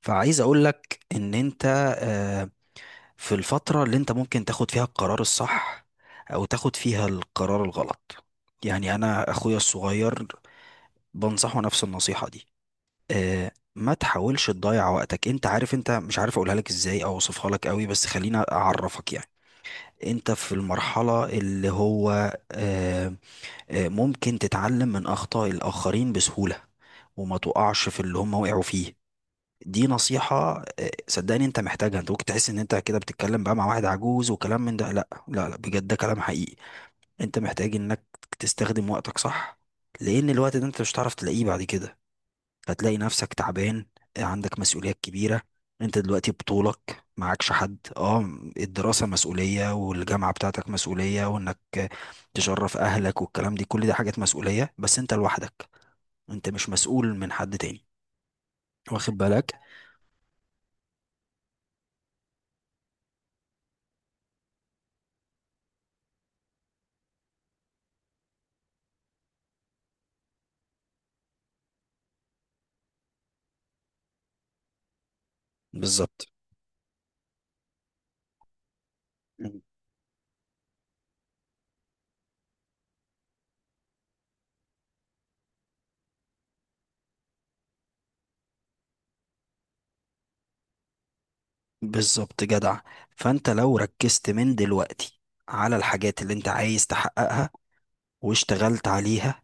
فعايز اقول لك ان انت، آه، في الفترة اللي انت ممكن تاخد فيها القرار الصح او تاخد فيها القرار الغلط. يعني انا اخويا الصغير بنصحه نفس النصيحة دي. ما تحاولش تضيع وقتك. انت عارف، انت مش عارف اقولها لك ازاي او اوصفها لك قوي، بس خليني اعرفك يعني. انت في المرحلة اللي هو آه، ممكن تتعلم من اخطاء الاخرين بسهولة، وما تقعش في اللي هم وقعوا فيه. دي نصيحة، صدقني انت محتاجها. انت ممكن تحس ان انت كده بتتكلم بقى مع واحد عجوز وكلام من ده، لا لا لا، بجد ده كلام حقيقي. انت محتاج انك تستخدم وقتك صح، لان الوقت ده انت مش هتعرف تلاقيه بعد كده. هتلاقي نفسك تعبان، عندك مسؤوليات كبيرة. انت دلوقتي بطولك معكش حد، اه. الدراسة مسؤولية، والجامعة بتاعتك مسؤولية، وانك تشرف اهلك والكلام دي، كل دي حاجات مسؤولية، بس انت لوحدك. انت مش مسؤول من حد تاني. واخد بالك؟ بالظبط. بالظبط جدع. فانت لو ركزت من دلوقتي على الحاجات اللي انت عايز تحققها، واشتغلت عليها،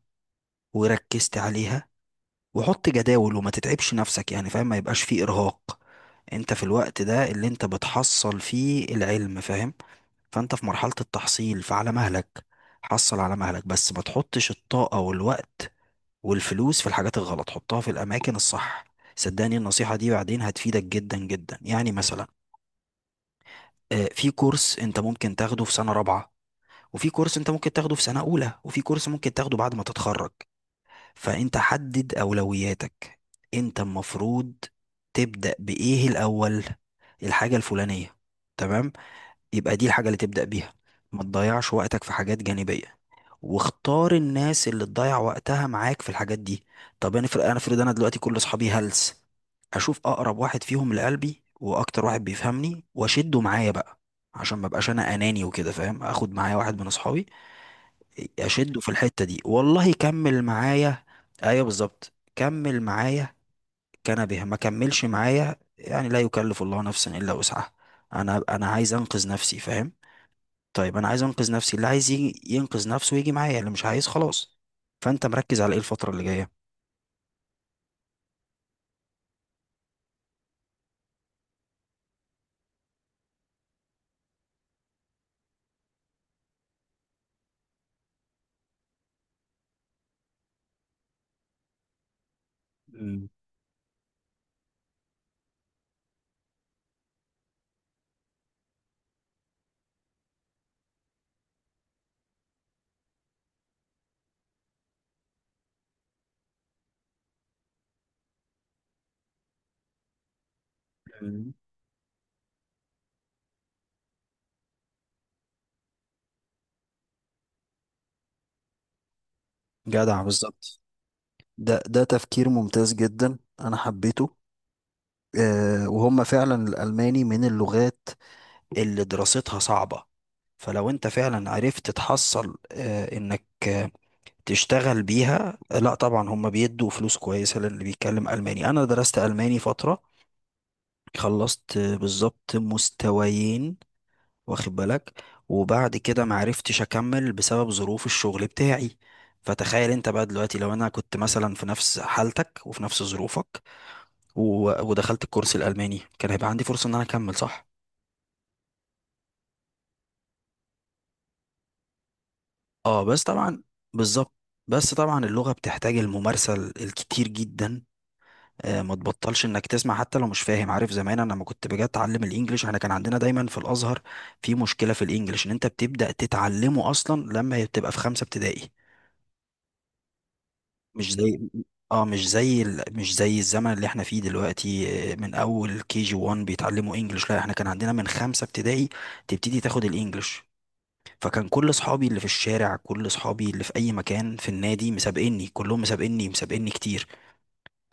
وركزت عليها، وحط جداول وما تتعبش نفسك يعني فاهم، ما يبقاش فيه ارهاق. انت في الوقت ده اللي انت بتحصل فيه العلم، فاهم؟ فانت في مرحلة التحصيل، فعلى مهلك. حصل على مهلك، بس ما تحطش الطاقة والوقت والفلوس في الحاجات الغلط، حطها في الاماكن الصح. صدقني النصيحة دي بعدين هتفيدك جدا جدا. يعني مثلا في كورس انت ممكن تاخده في سنة رابعة، وفي كورس انت ممكن تاخده في سنة اولى، وفي كورس ممكن تاخده بعد ما تتخرج. فانت حدد اولوياتك. انت المفروض تبدأ بايه الاول؟ الحاجة الفلانية؟ تمام، يبقى دي الحاجة اللي تبدأ بيها. ما تضيعش وقتك في حاجات جانبية، واختار الناس اللي تضيع وقتها معاك في الحاجات دي. طب انا فرق، انا افرض انا دلوقتي كل اصحابي هلس، اشوف اقرب واحد فيهم لقلبي واكتر واحد بيفهمني واشده معايا بقى، عشان ما بقاش انا اناني وكده فاهم. اخد معايا واحد من اصحابي اشده في الحتة دي، والله كمل معايا. ايوه بالظبط كمل معايا، كان به ما كملش معايا يعني، لا يكلف الله نفسا الا وسعها. انا عايز انقذ نفسي فاهم. طيب انا عايز انقذ نفسي، اللي عايز يجي ينقذ نفسه ويجي معايا، اللي مش عايز خلاص. فانت مركز على ايه الفترة اللي جاية؟ مم. مم. جدع بالظبط. ده ده تفكير ممتاز جدا، انا حبيته. آه، وهم فعلا الالماني من اللغات اللي دراستها صعبة. فلو انت فعلا عرفت تحصل، انك تشتغل بيها، لا طبعا هم بيدوا فلوس كويسة للي بيتكلم ألماني. انا درست ألماني فترة، خلصت بالظبط مستويين، واخد بالك، وبعد كده معرفتش اكمل بسبب ظروف الشغل بتاعي. فتخيل انت بقى دلوقتي، لو انا كنت مثلا في نفس حالتك وفي نفس ظروفك ودخلت الكورس الالماني، كان هيبقى عندي فرصة ان انا اكمل، صح؟ اه بس طبعا، بالظبط. بس طبعا اللغة بتحتاج الممارسة الكتير جدا. آه ما تبطلش انك تسمع حتى لو مش فاهم، عارف؟ زمان انا لما كنت باجي اتعلم الانجليش، احنا كان عندنا دايما في الازهر في مشكلة في الانجليش، ان انت بتبدأ تتعلمه اصلا لما بتبقى في خمسة ابتدائي. مش زي، اه مش زي مش زي الزمن اللي احنا فيه دلوقتي، من اول كي جي 1 بيتعلموا انجلش. لا احنا كان عندنا من خمسة ابتدائي تبتدي تاخد الانجلش. فكان كل اصحابي اللي في الشارع، كل اصحابي اللي في اي مكان في النادي مسابقني، كلهم مسابقني كتير.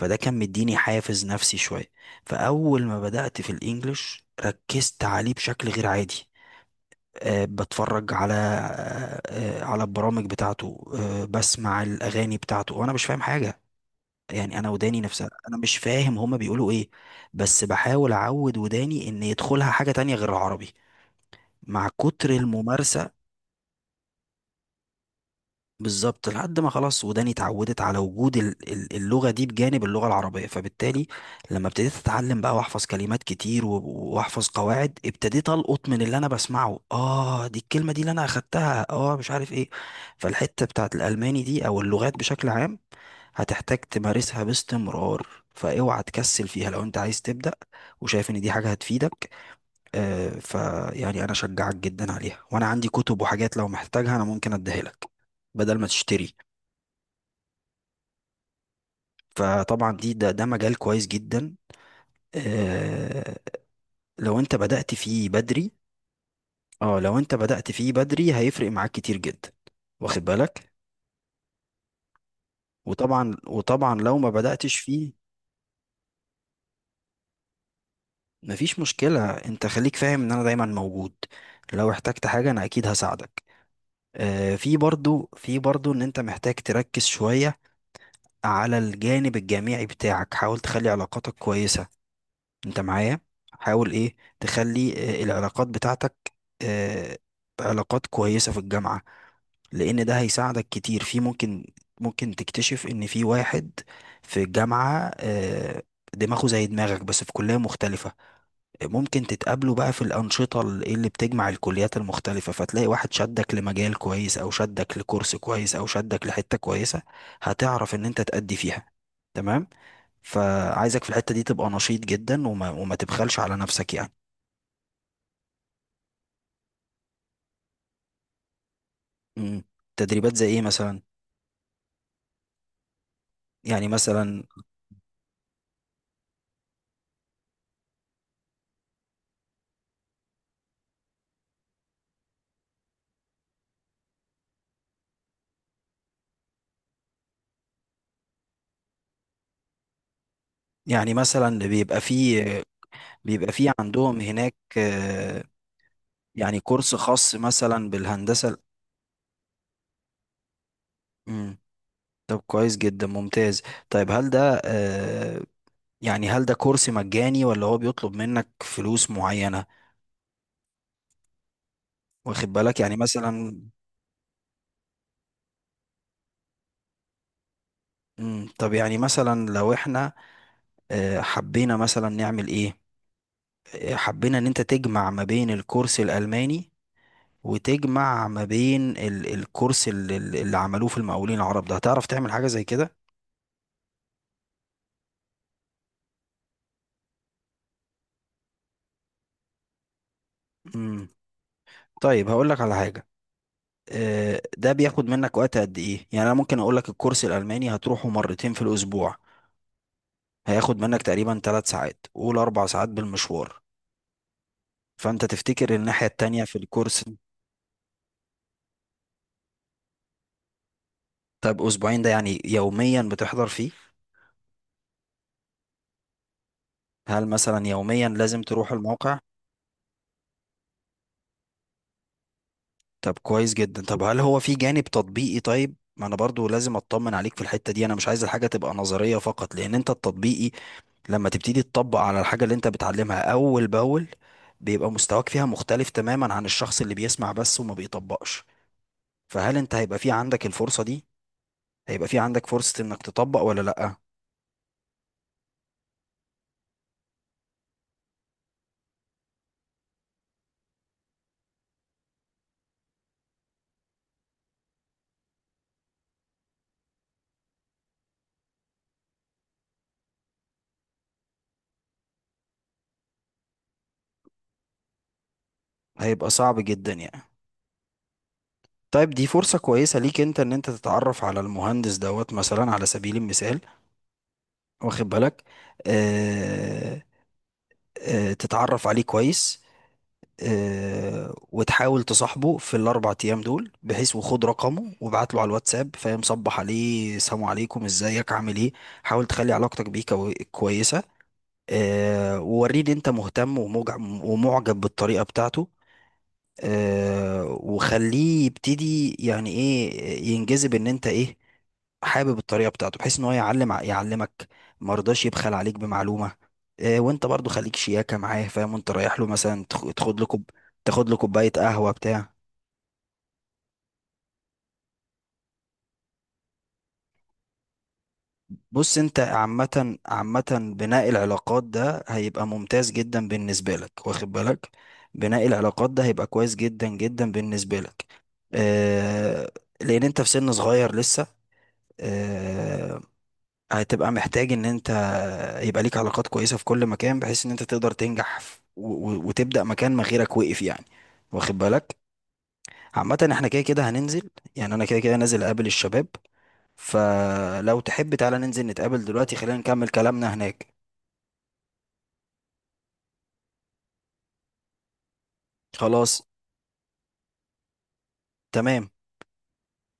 فده كان مديني حافز نفسي شوية. فاول ما بدأت في الانجلش ركزت عليه بشكل غير عادي. بتفرج على على البرامج بتاعته، بسمع الأغاني بتاعته، وأنا مش فاهم حاجة يعني. انا وداني نفسها، انا مش فاهم هما بيقولوا ايه، بس بحاول اعود وداني ان يدخلها حاجة تانية غير العربي مع كتر الممارسة. بالظبط. لحد ما خلاص وداني اتعودت على وجود اللغة دي بجانب اللغة العربية، فبالتالي لما ابتديت اتعلم بقى واحفظ كلمات كتير واحفظ قواعد، ابتديت القط من اللي انا بسمعه: اه دي الكلمة دي اللي انا اخدتها، اه مش عارف ايه. فالحتة بتاعت الالماني دي او اللغات بشكل عام هتحتاج تمارسها باستمرار، فاوعى تكسل فيها. لو انت عايز تبدأ وشايف ان دي حاجة هتفيدك، فيعني انا اشجعك جدا عليها. وانا عندي كتب وحاجات لو محتاجها انا ممكن اديها لك بدل ما تشتري. فطبعا دي ده ده مجال كويس جدا آه، لو انت بدأت فيه بدري. اه لو انت بدأت فيه بدري هيفرق معاك كتير جدا، واخد بالك. وطبعا لو ما بدأتش فيه مفيش مشكلة. انت خليك فاهم ان انا دايما موجود، لو احتجت حاجة انا اكيد هساعدك. آه في برضو ان انت محتاج تركز شوية على الجانب الجامعي بتاعك. حاول تخلي علاقاتك كويسة. انت معايا؟ حاول ايه تخلي آه العلاقات بتاعتك، آه، علاقات كويسة في الجامعة. لان ده هيساعدك كتير في، ممكن ممكن تكتشف ان في واحد في الجامعة آه دماغه زي دماغك بس في كلية مختلفة. ممكن تتقابلوا بقى في الأنشطة ال- إيه اللي بتجمع الكليات المختلفة، فتلاقي واحد شدك لمجال كويس أو شدك لكورس كويس أو شدك لحتة كويسة هتعرف إن أنت تأدي فيها. تمام. فعايزك في الحتة دي تبقى نشيط جدا وما تبخلش على نفسك يعني. مم. تدريبات زي إيه مثلا؟ يعني مثلا، يعني مثلا بيبقى فيه عندهم هناك، يعني كورس خاص مثلا بالهندسة. مم. طب كويس جدا، ممتاز. طيب هل ده يعني هل ده كورس مجاني ولا هو بيطلب منك فلوس معينة؟ واخد بالك، يعني مثلا. مم، طب يعني مثلا لو احنا حبينا مثلا نعمل ايه، حبينا ان انت تجمع ما بين الكورس الألماني وتجمع ما بين الكورس اللي عملوه في المقاولين العرب، ده هتعرف تعمل حاجة زي كده؟ مم. طيب هقول لك على حاجة. ده بياخد منك وقت قد ايه؟ يعني انا ممكن اقول لك الكورس الألماني هتروحه مرتين في الأسبوع، هياخد منك تقريبا ثلاث ساعات، قول اربع ساعات بالمشوار. فانت تفتكر الناحية التانية في الكورس؟ طب اسبوعين ده يعني يوميا بتحضر فيه؟ هل مثلا يوميا لازم تروح الموقع؟ طب كويس جدا. طب هل هو في جانب تطبيقي؟ طيب ما انا برضو لازم اطمن عليك في الحتة دي، انا مش عايز الحاجة تبقى نظرية فقط، لان انت التطبيقي لما تبتدي تطبق على الحاجة اللي انت بتعلمها اول باول، بيبقى مستواك فيها مختلف تماما عن الشخص اللي بيسمع بس وما بيطبقش. فهل انت هيبقى في عندك الفرصة دي؟ هيبقى في عندك فرصة انك تطبق ولا لأ؟ هيبقى صعب جدا يعني. طيب دي فرصة كويسة ليك انت، ان انت تتعرف على المهندس دوت مثلا على سبيل المثال، واخد بالك؟ اه، اه، تتعرف عليه كويس، اه وتحاول تصاحبه في الاربع ايام دول، بحيث وخد رقمه وابعت له على الواتساب، فاهم؟ صبح عليه، سلام عليكم، ازيك عامل ايه. حاول تخلي علاقتك بيه كويسة. اه ووريه ان انت مهتم ومعجب بالطريقة بتاعته. وخليه يبتدي يعني ايه، ينجذب ان انت ايه، حابب الطريقه بتاعته، بحيث ان هو يعلم يعلمك، ما رضاش يبخل عليك بمعلومه. وانت برضو خليك شياكه معاه، فاهم؟ وانت رايح له مثلا تاخد له كوب، تاخد له كوبايه قهوه بتاع. بص انت عامه، عامه بناء العلاقات ده هيبقى ممتاز جدا بالنسبه لك، واخد بالك؟ بناء العلاقات ده هيبقى كويس جدا جدا بالنسبه لك. آه، لان انت في سن صغير لسه، آه، هتبقى محتاج ان انت يبقى ليك علاقات كويسة في كل مكان، بحيث ان انت تقدر تنجح وتبدأ مكان ما غيرك وقف يعني. واخد بالك؟ عامة احنا كده كده هننزل، يعني انا كده كده نازل اقابل الشباب. فلو تحب تعالى ننزل نتقابل دلوقتي، خلينا نكمل كلامنا هناك. خلاص. تمام.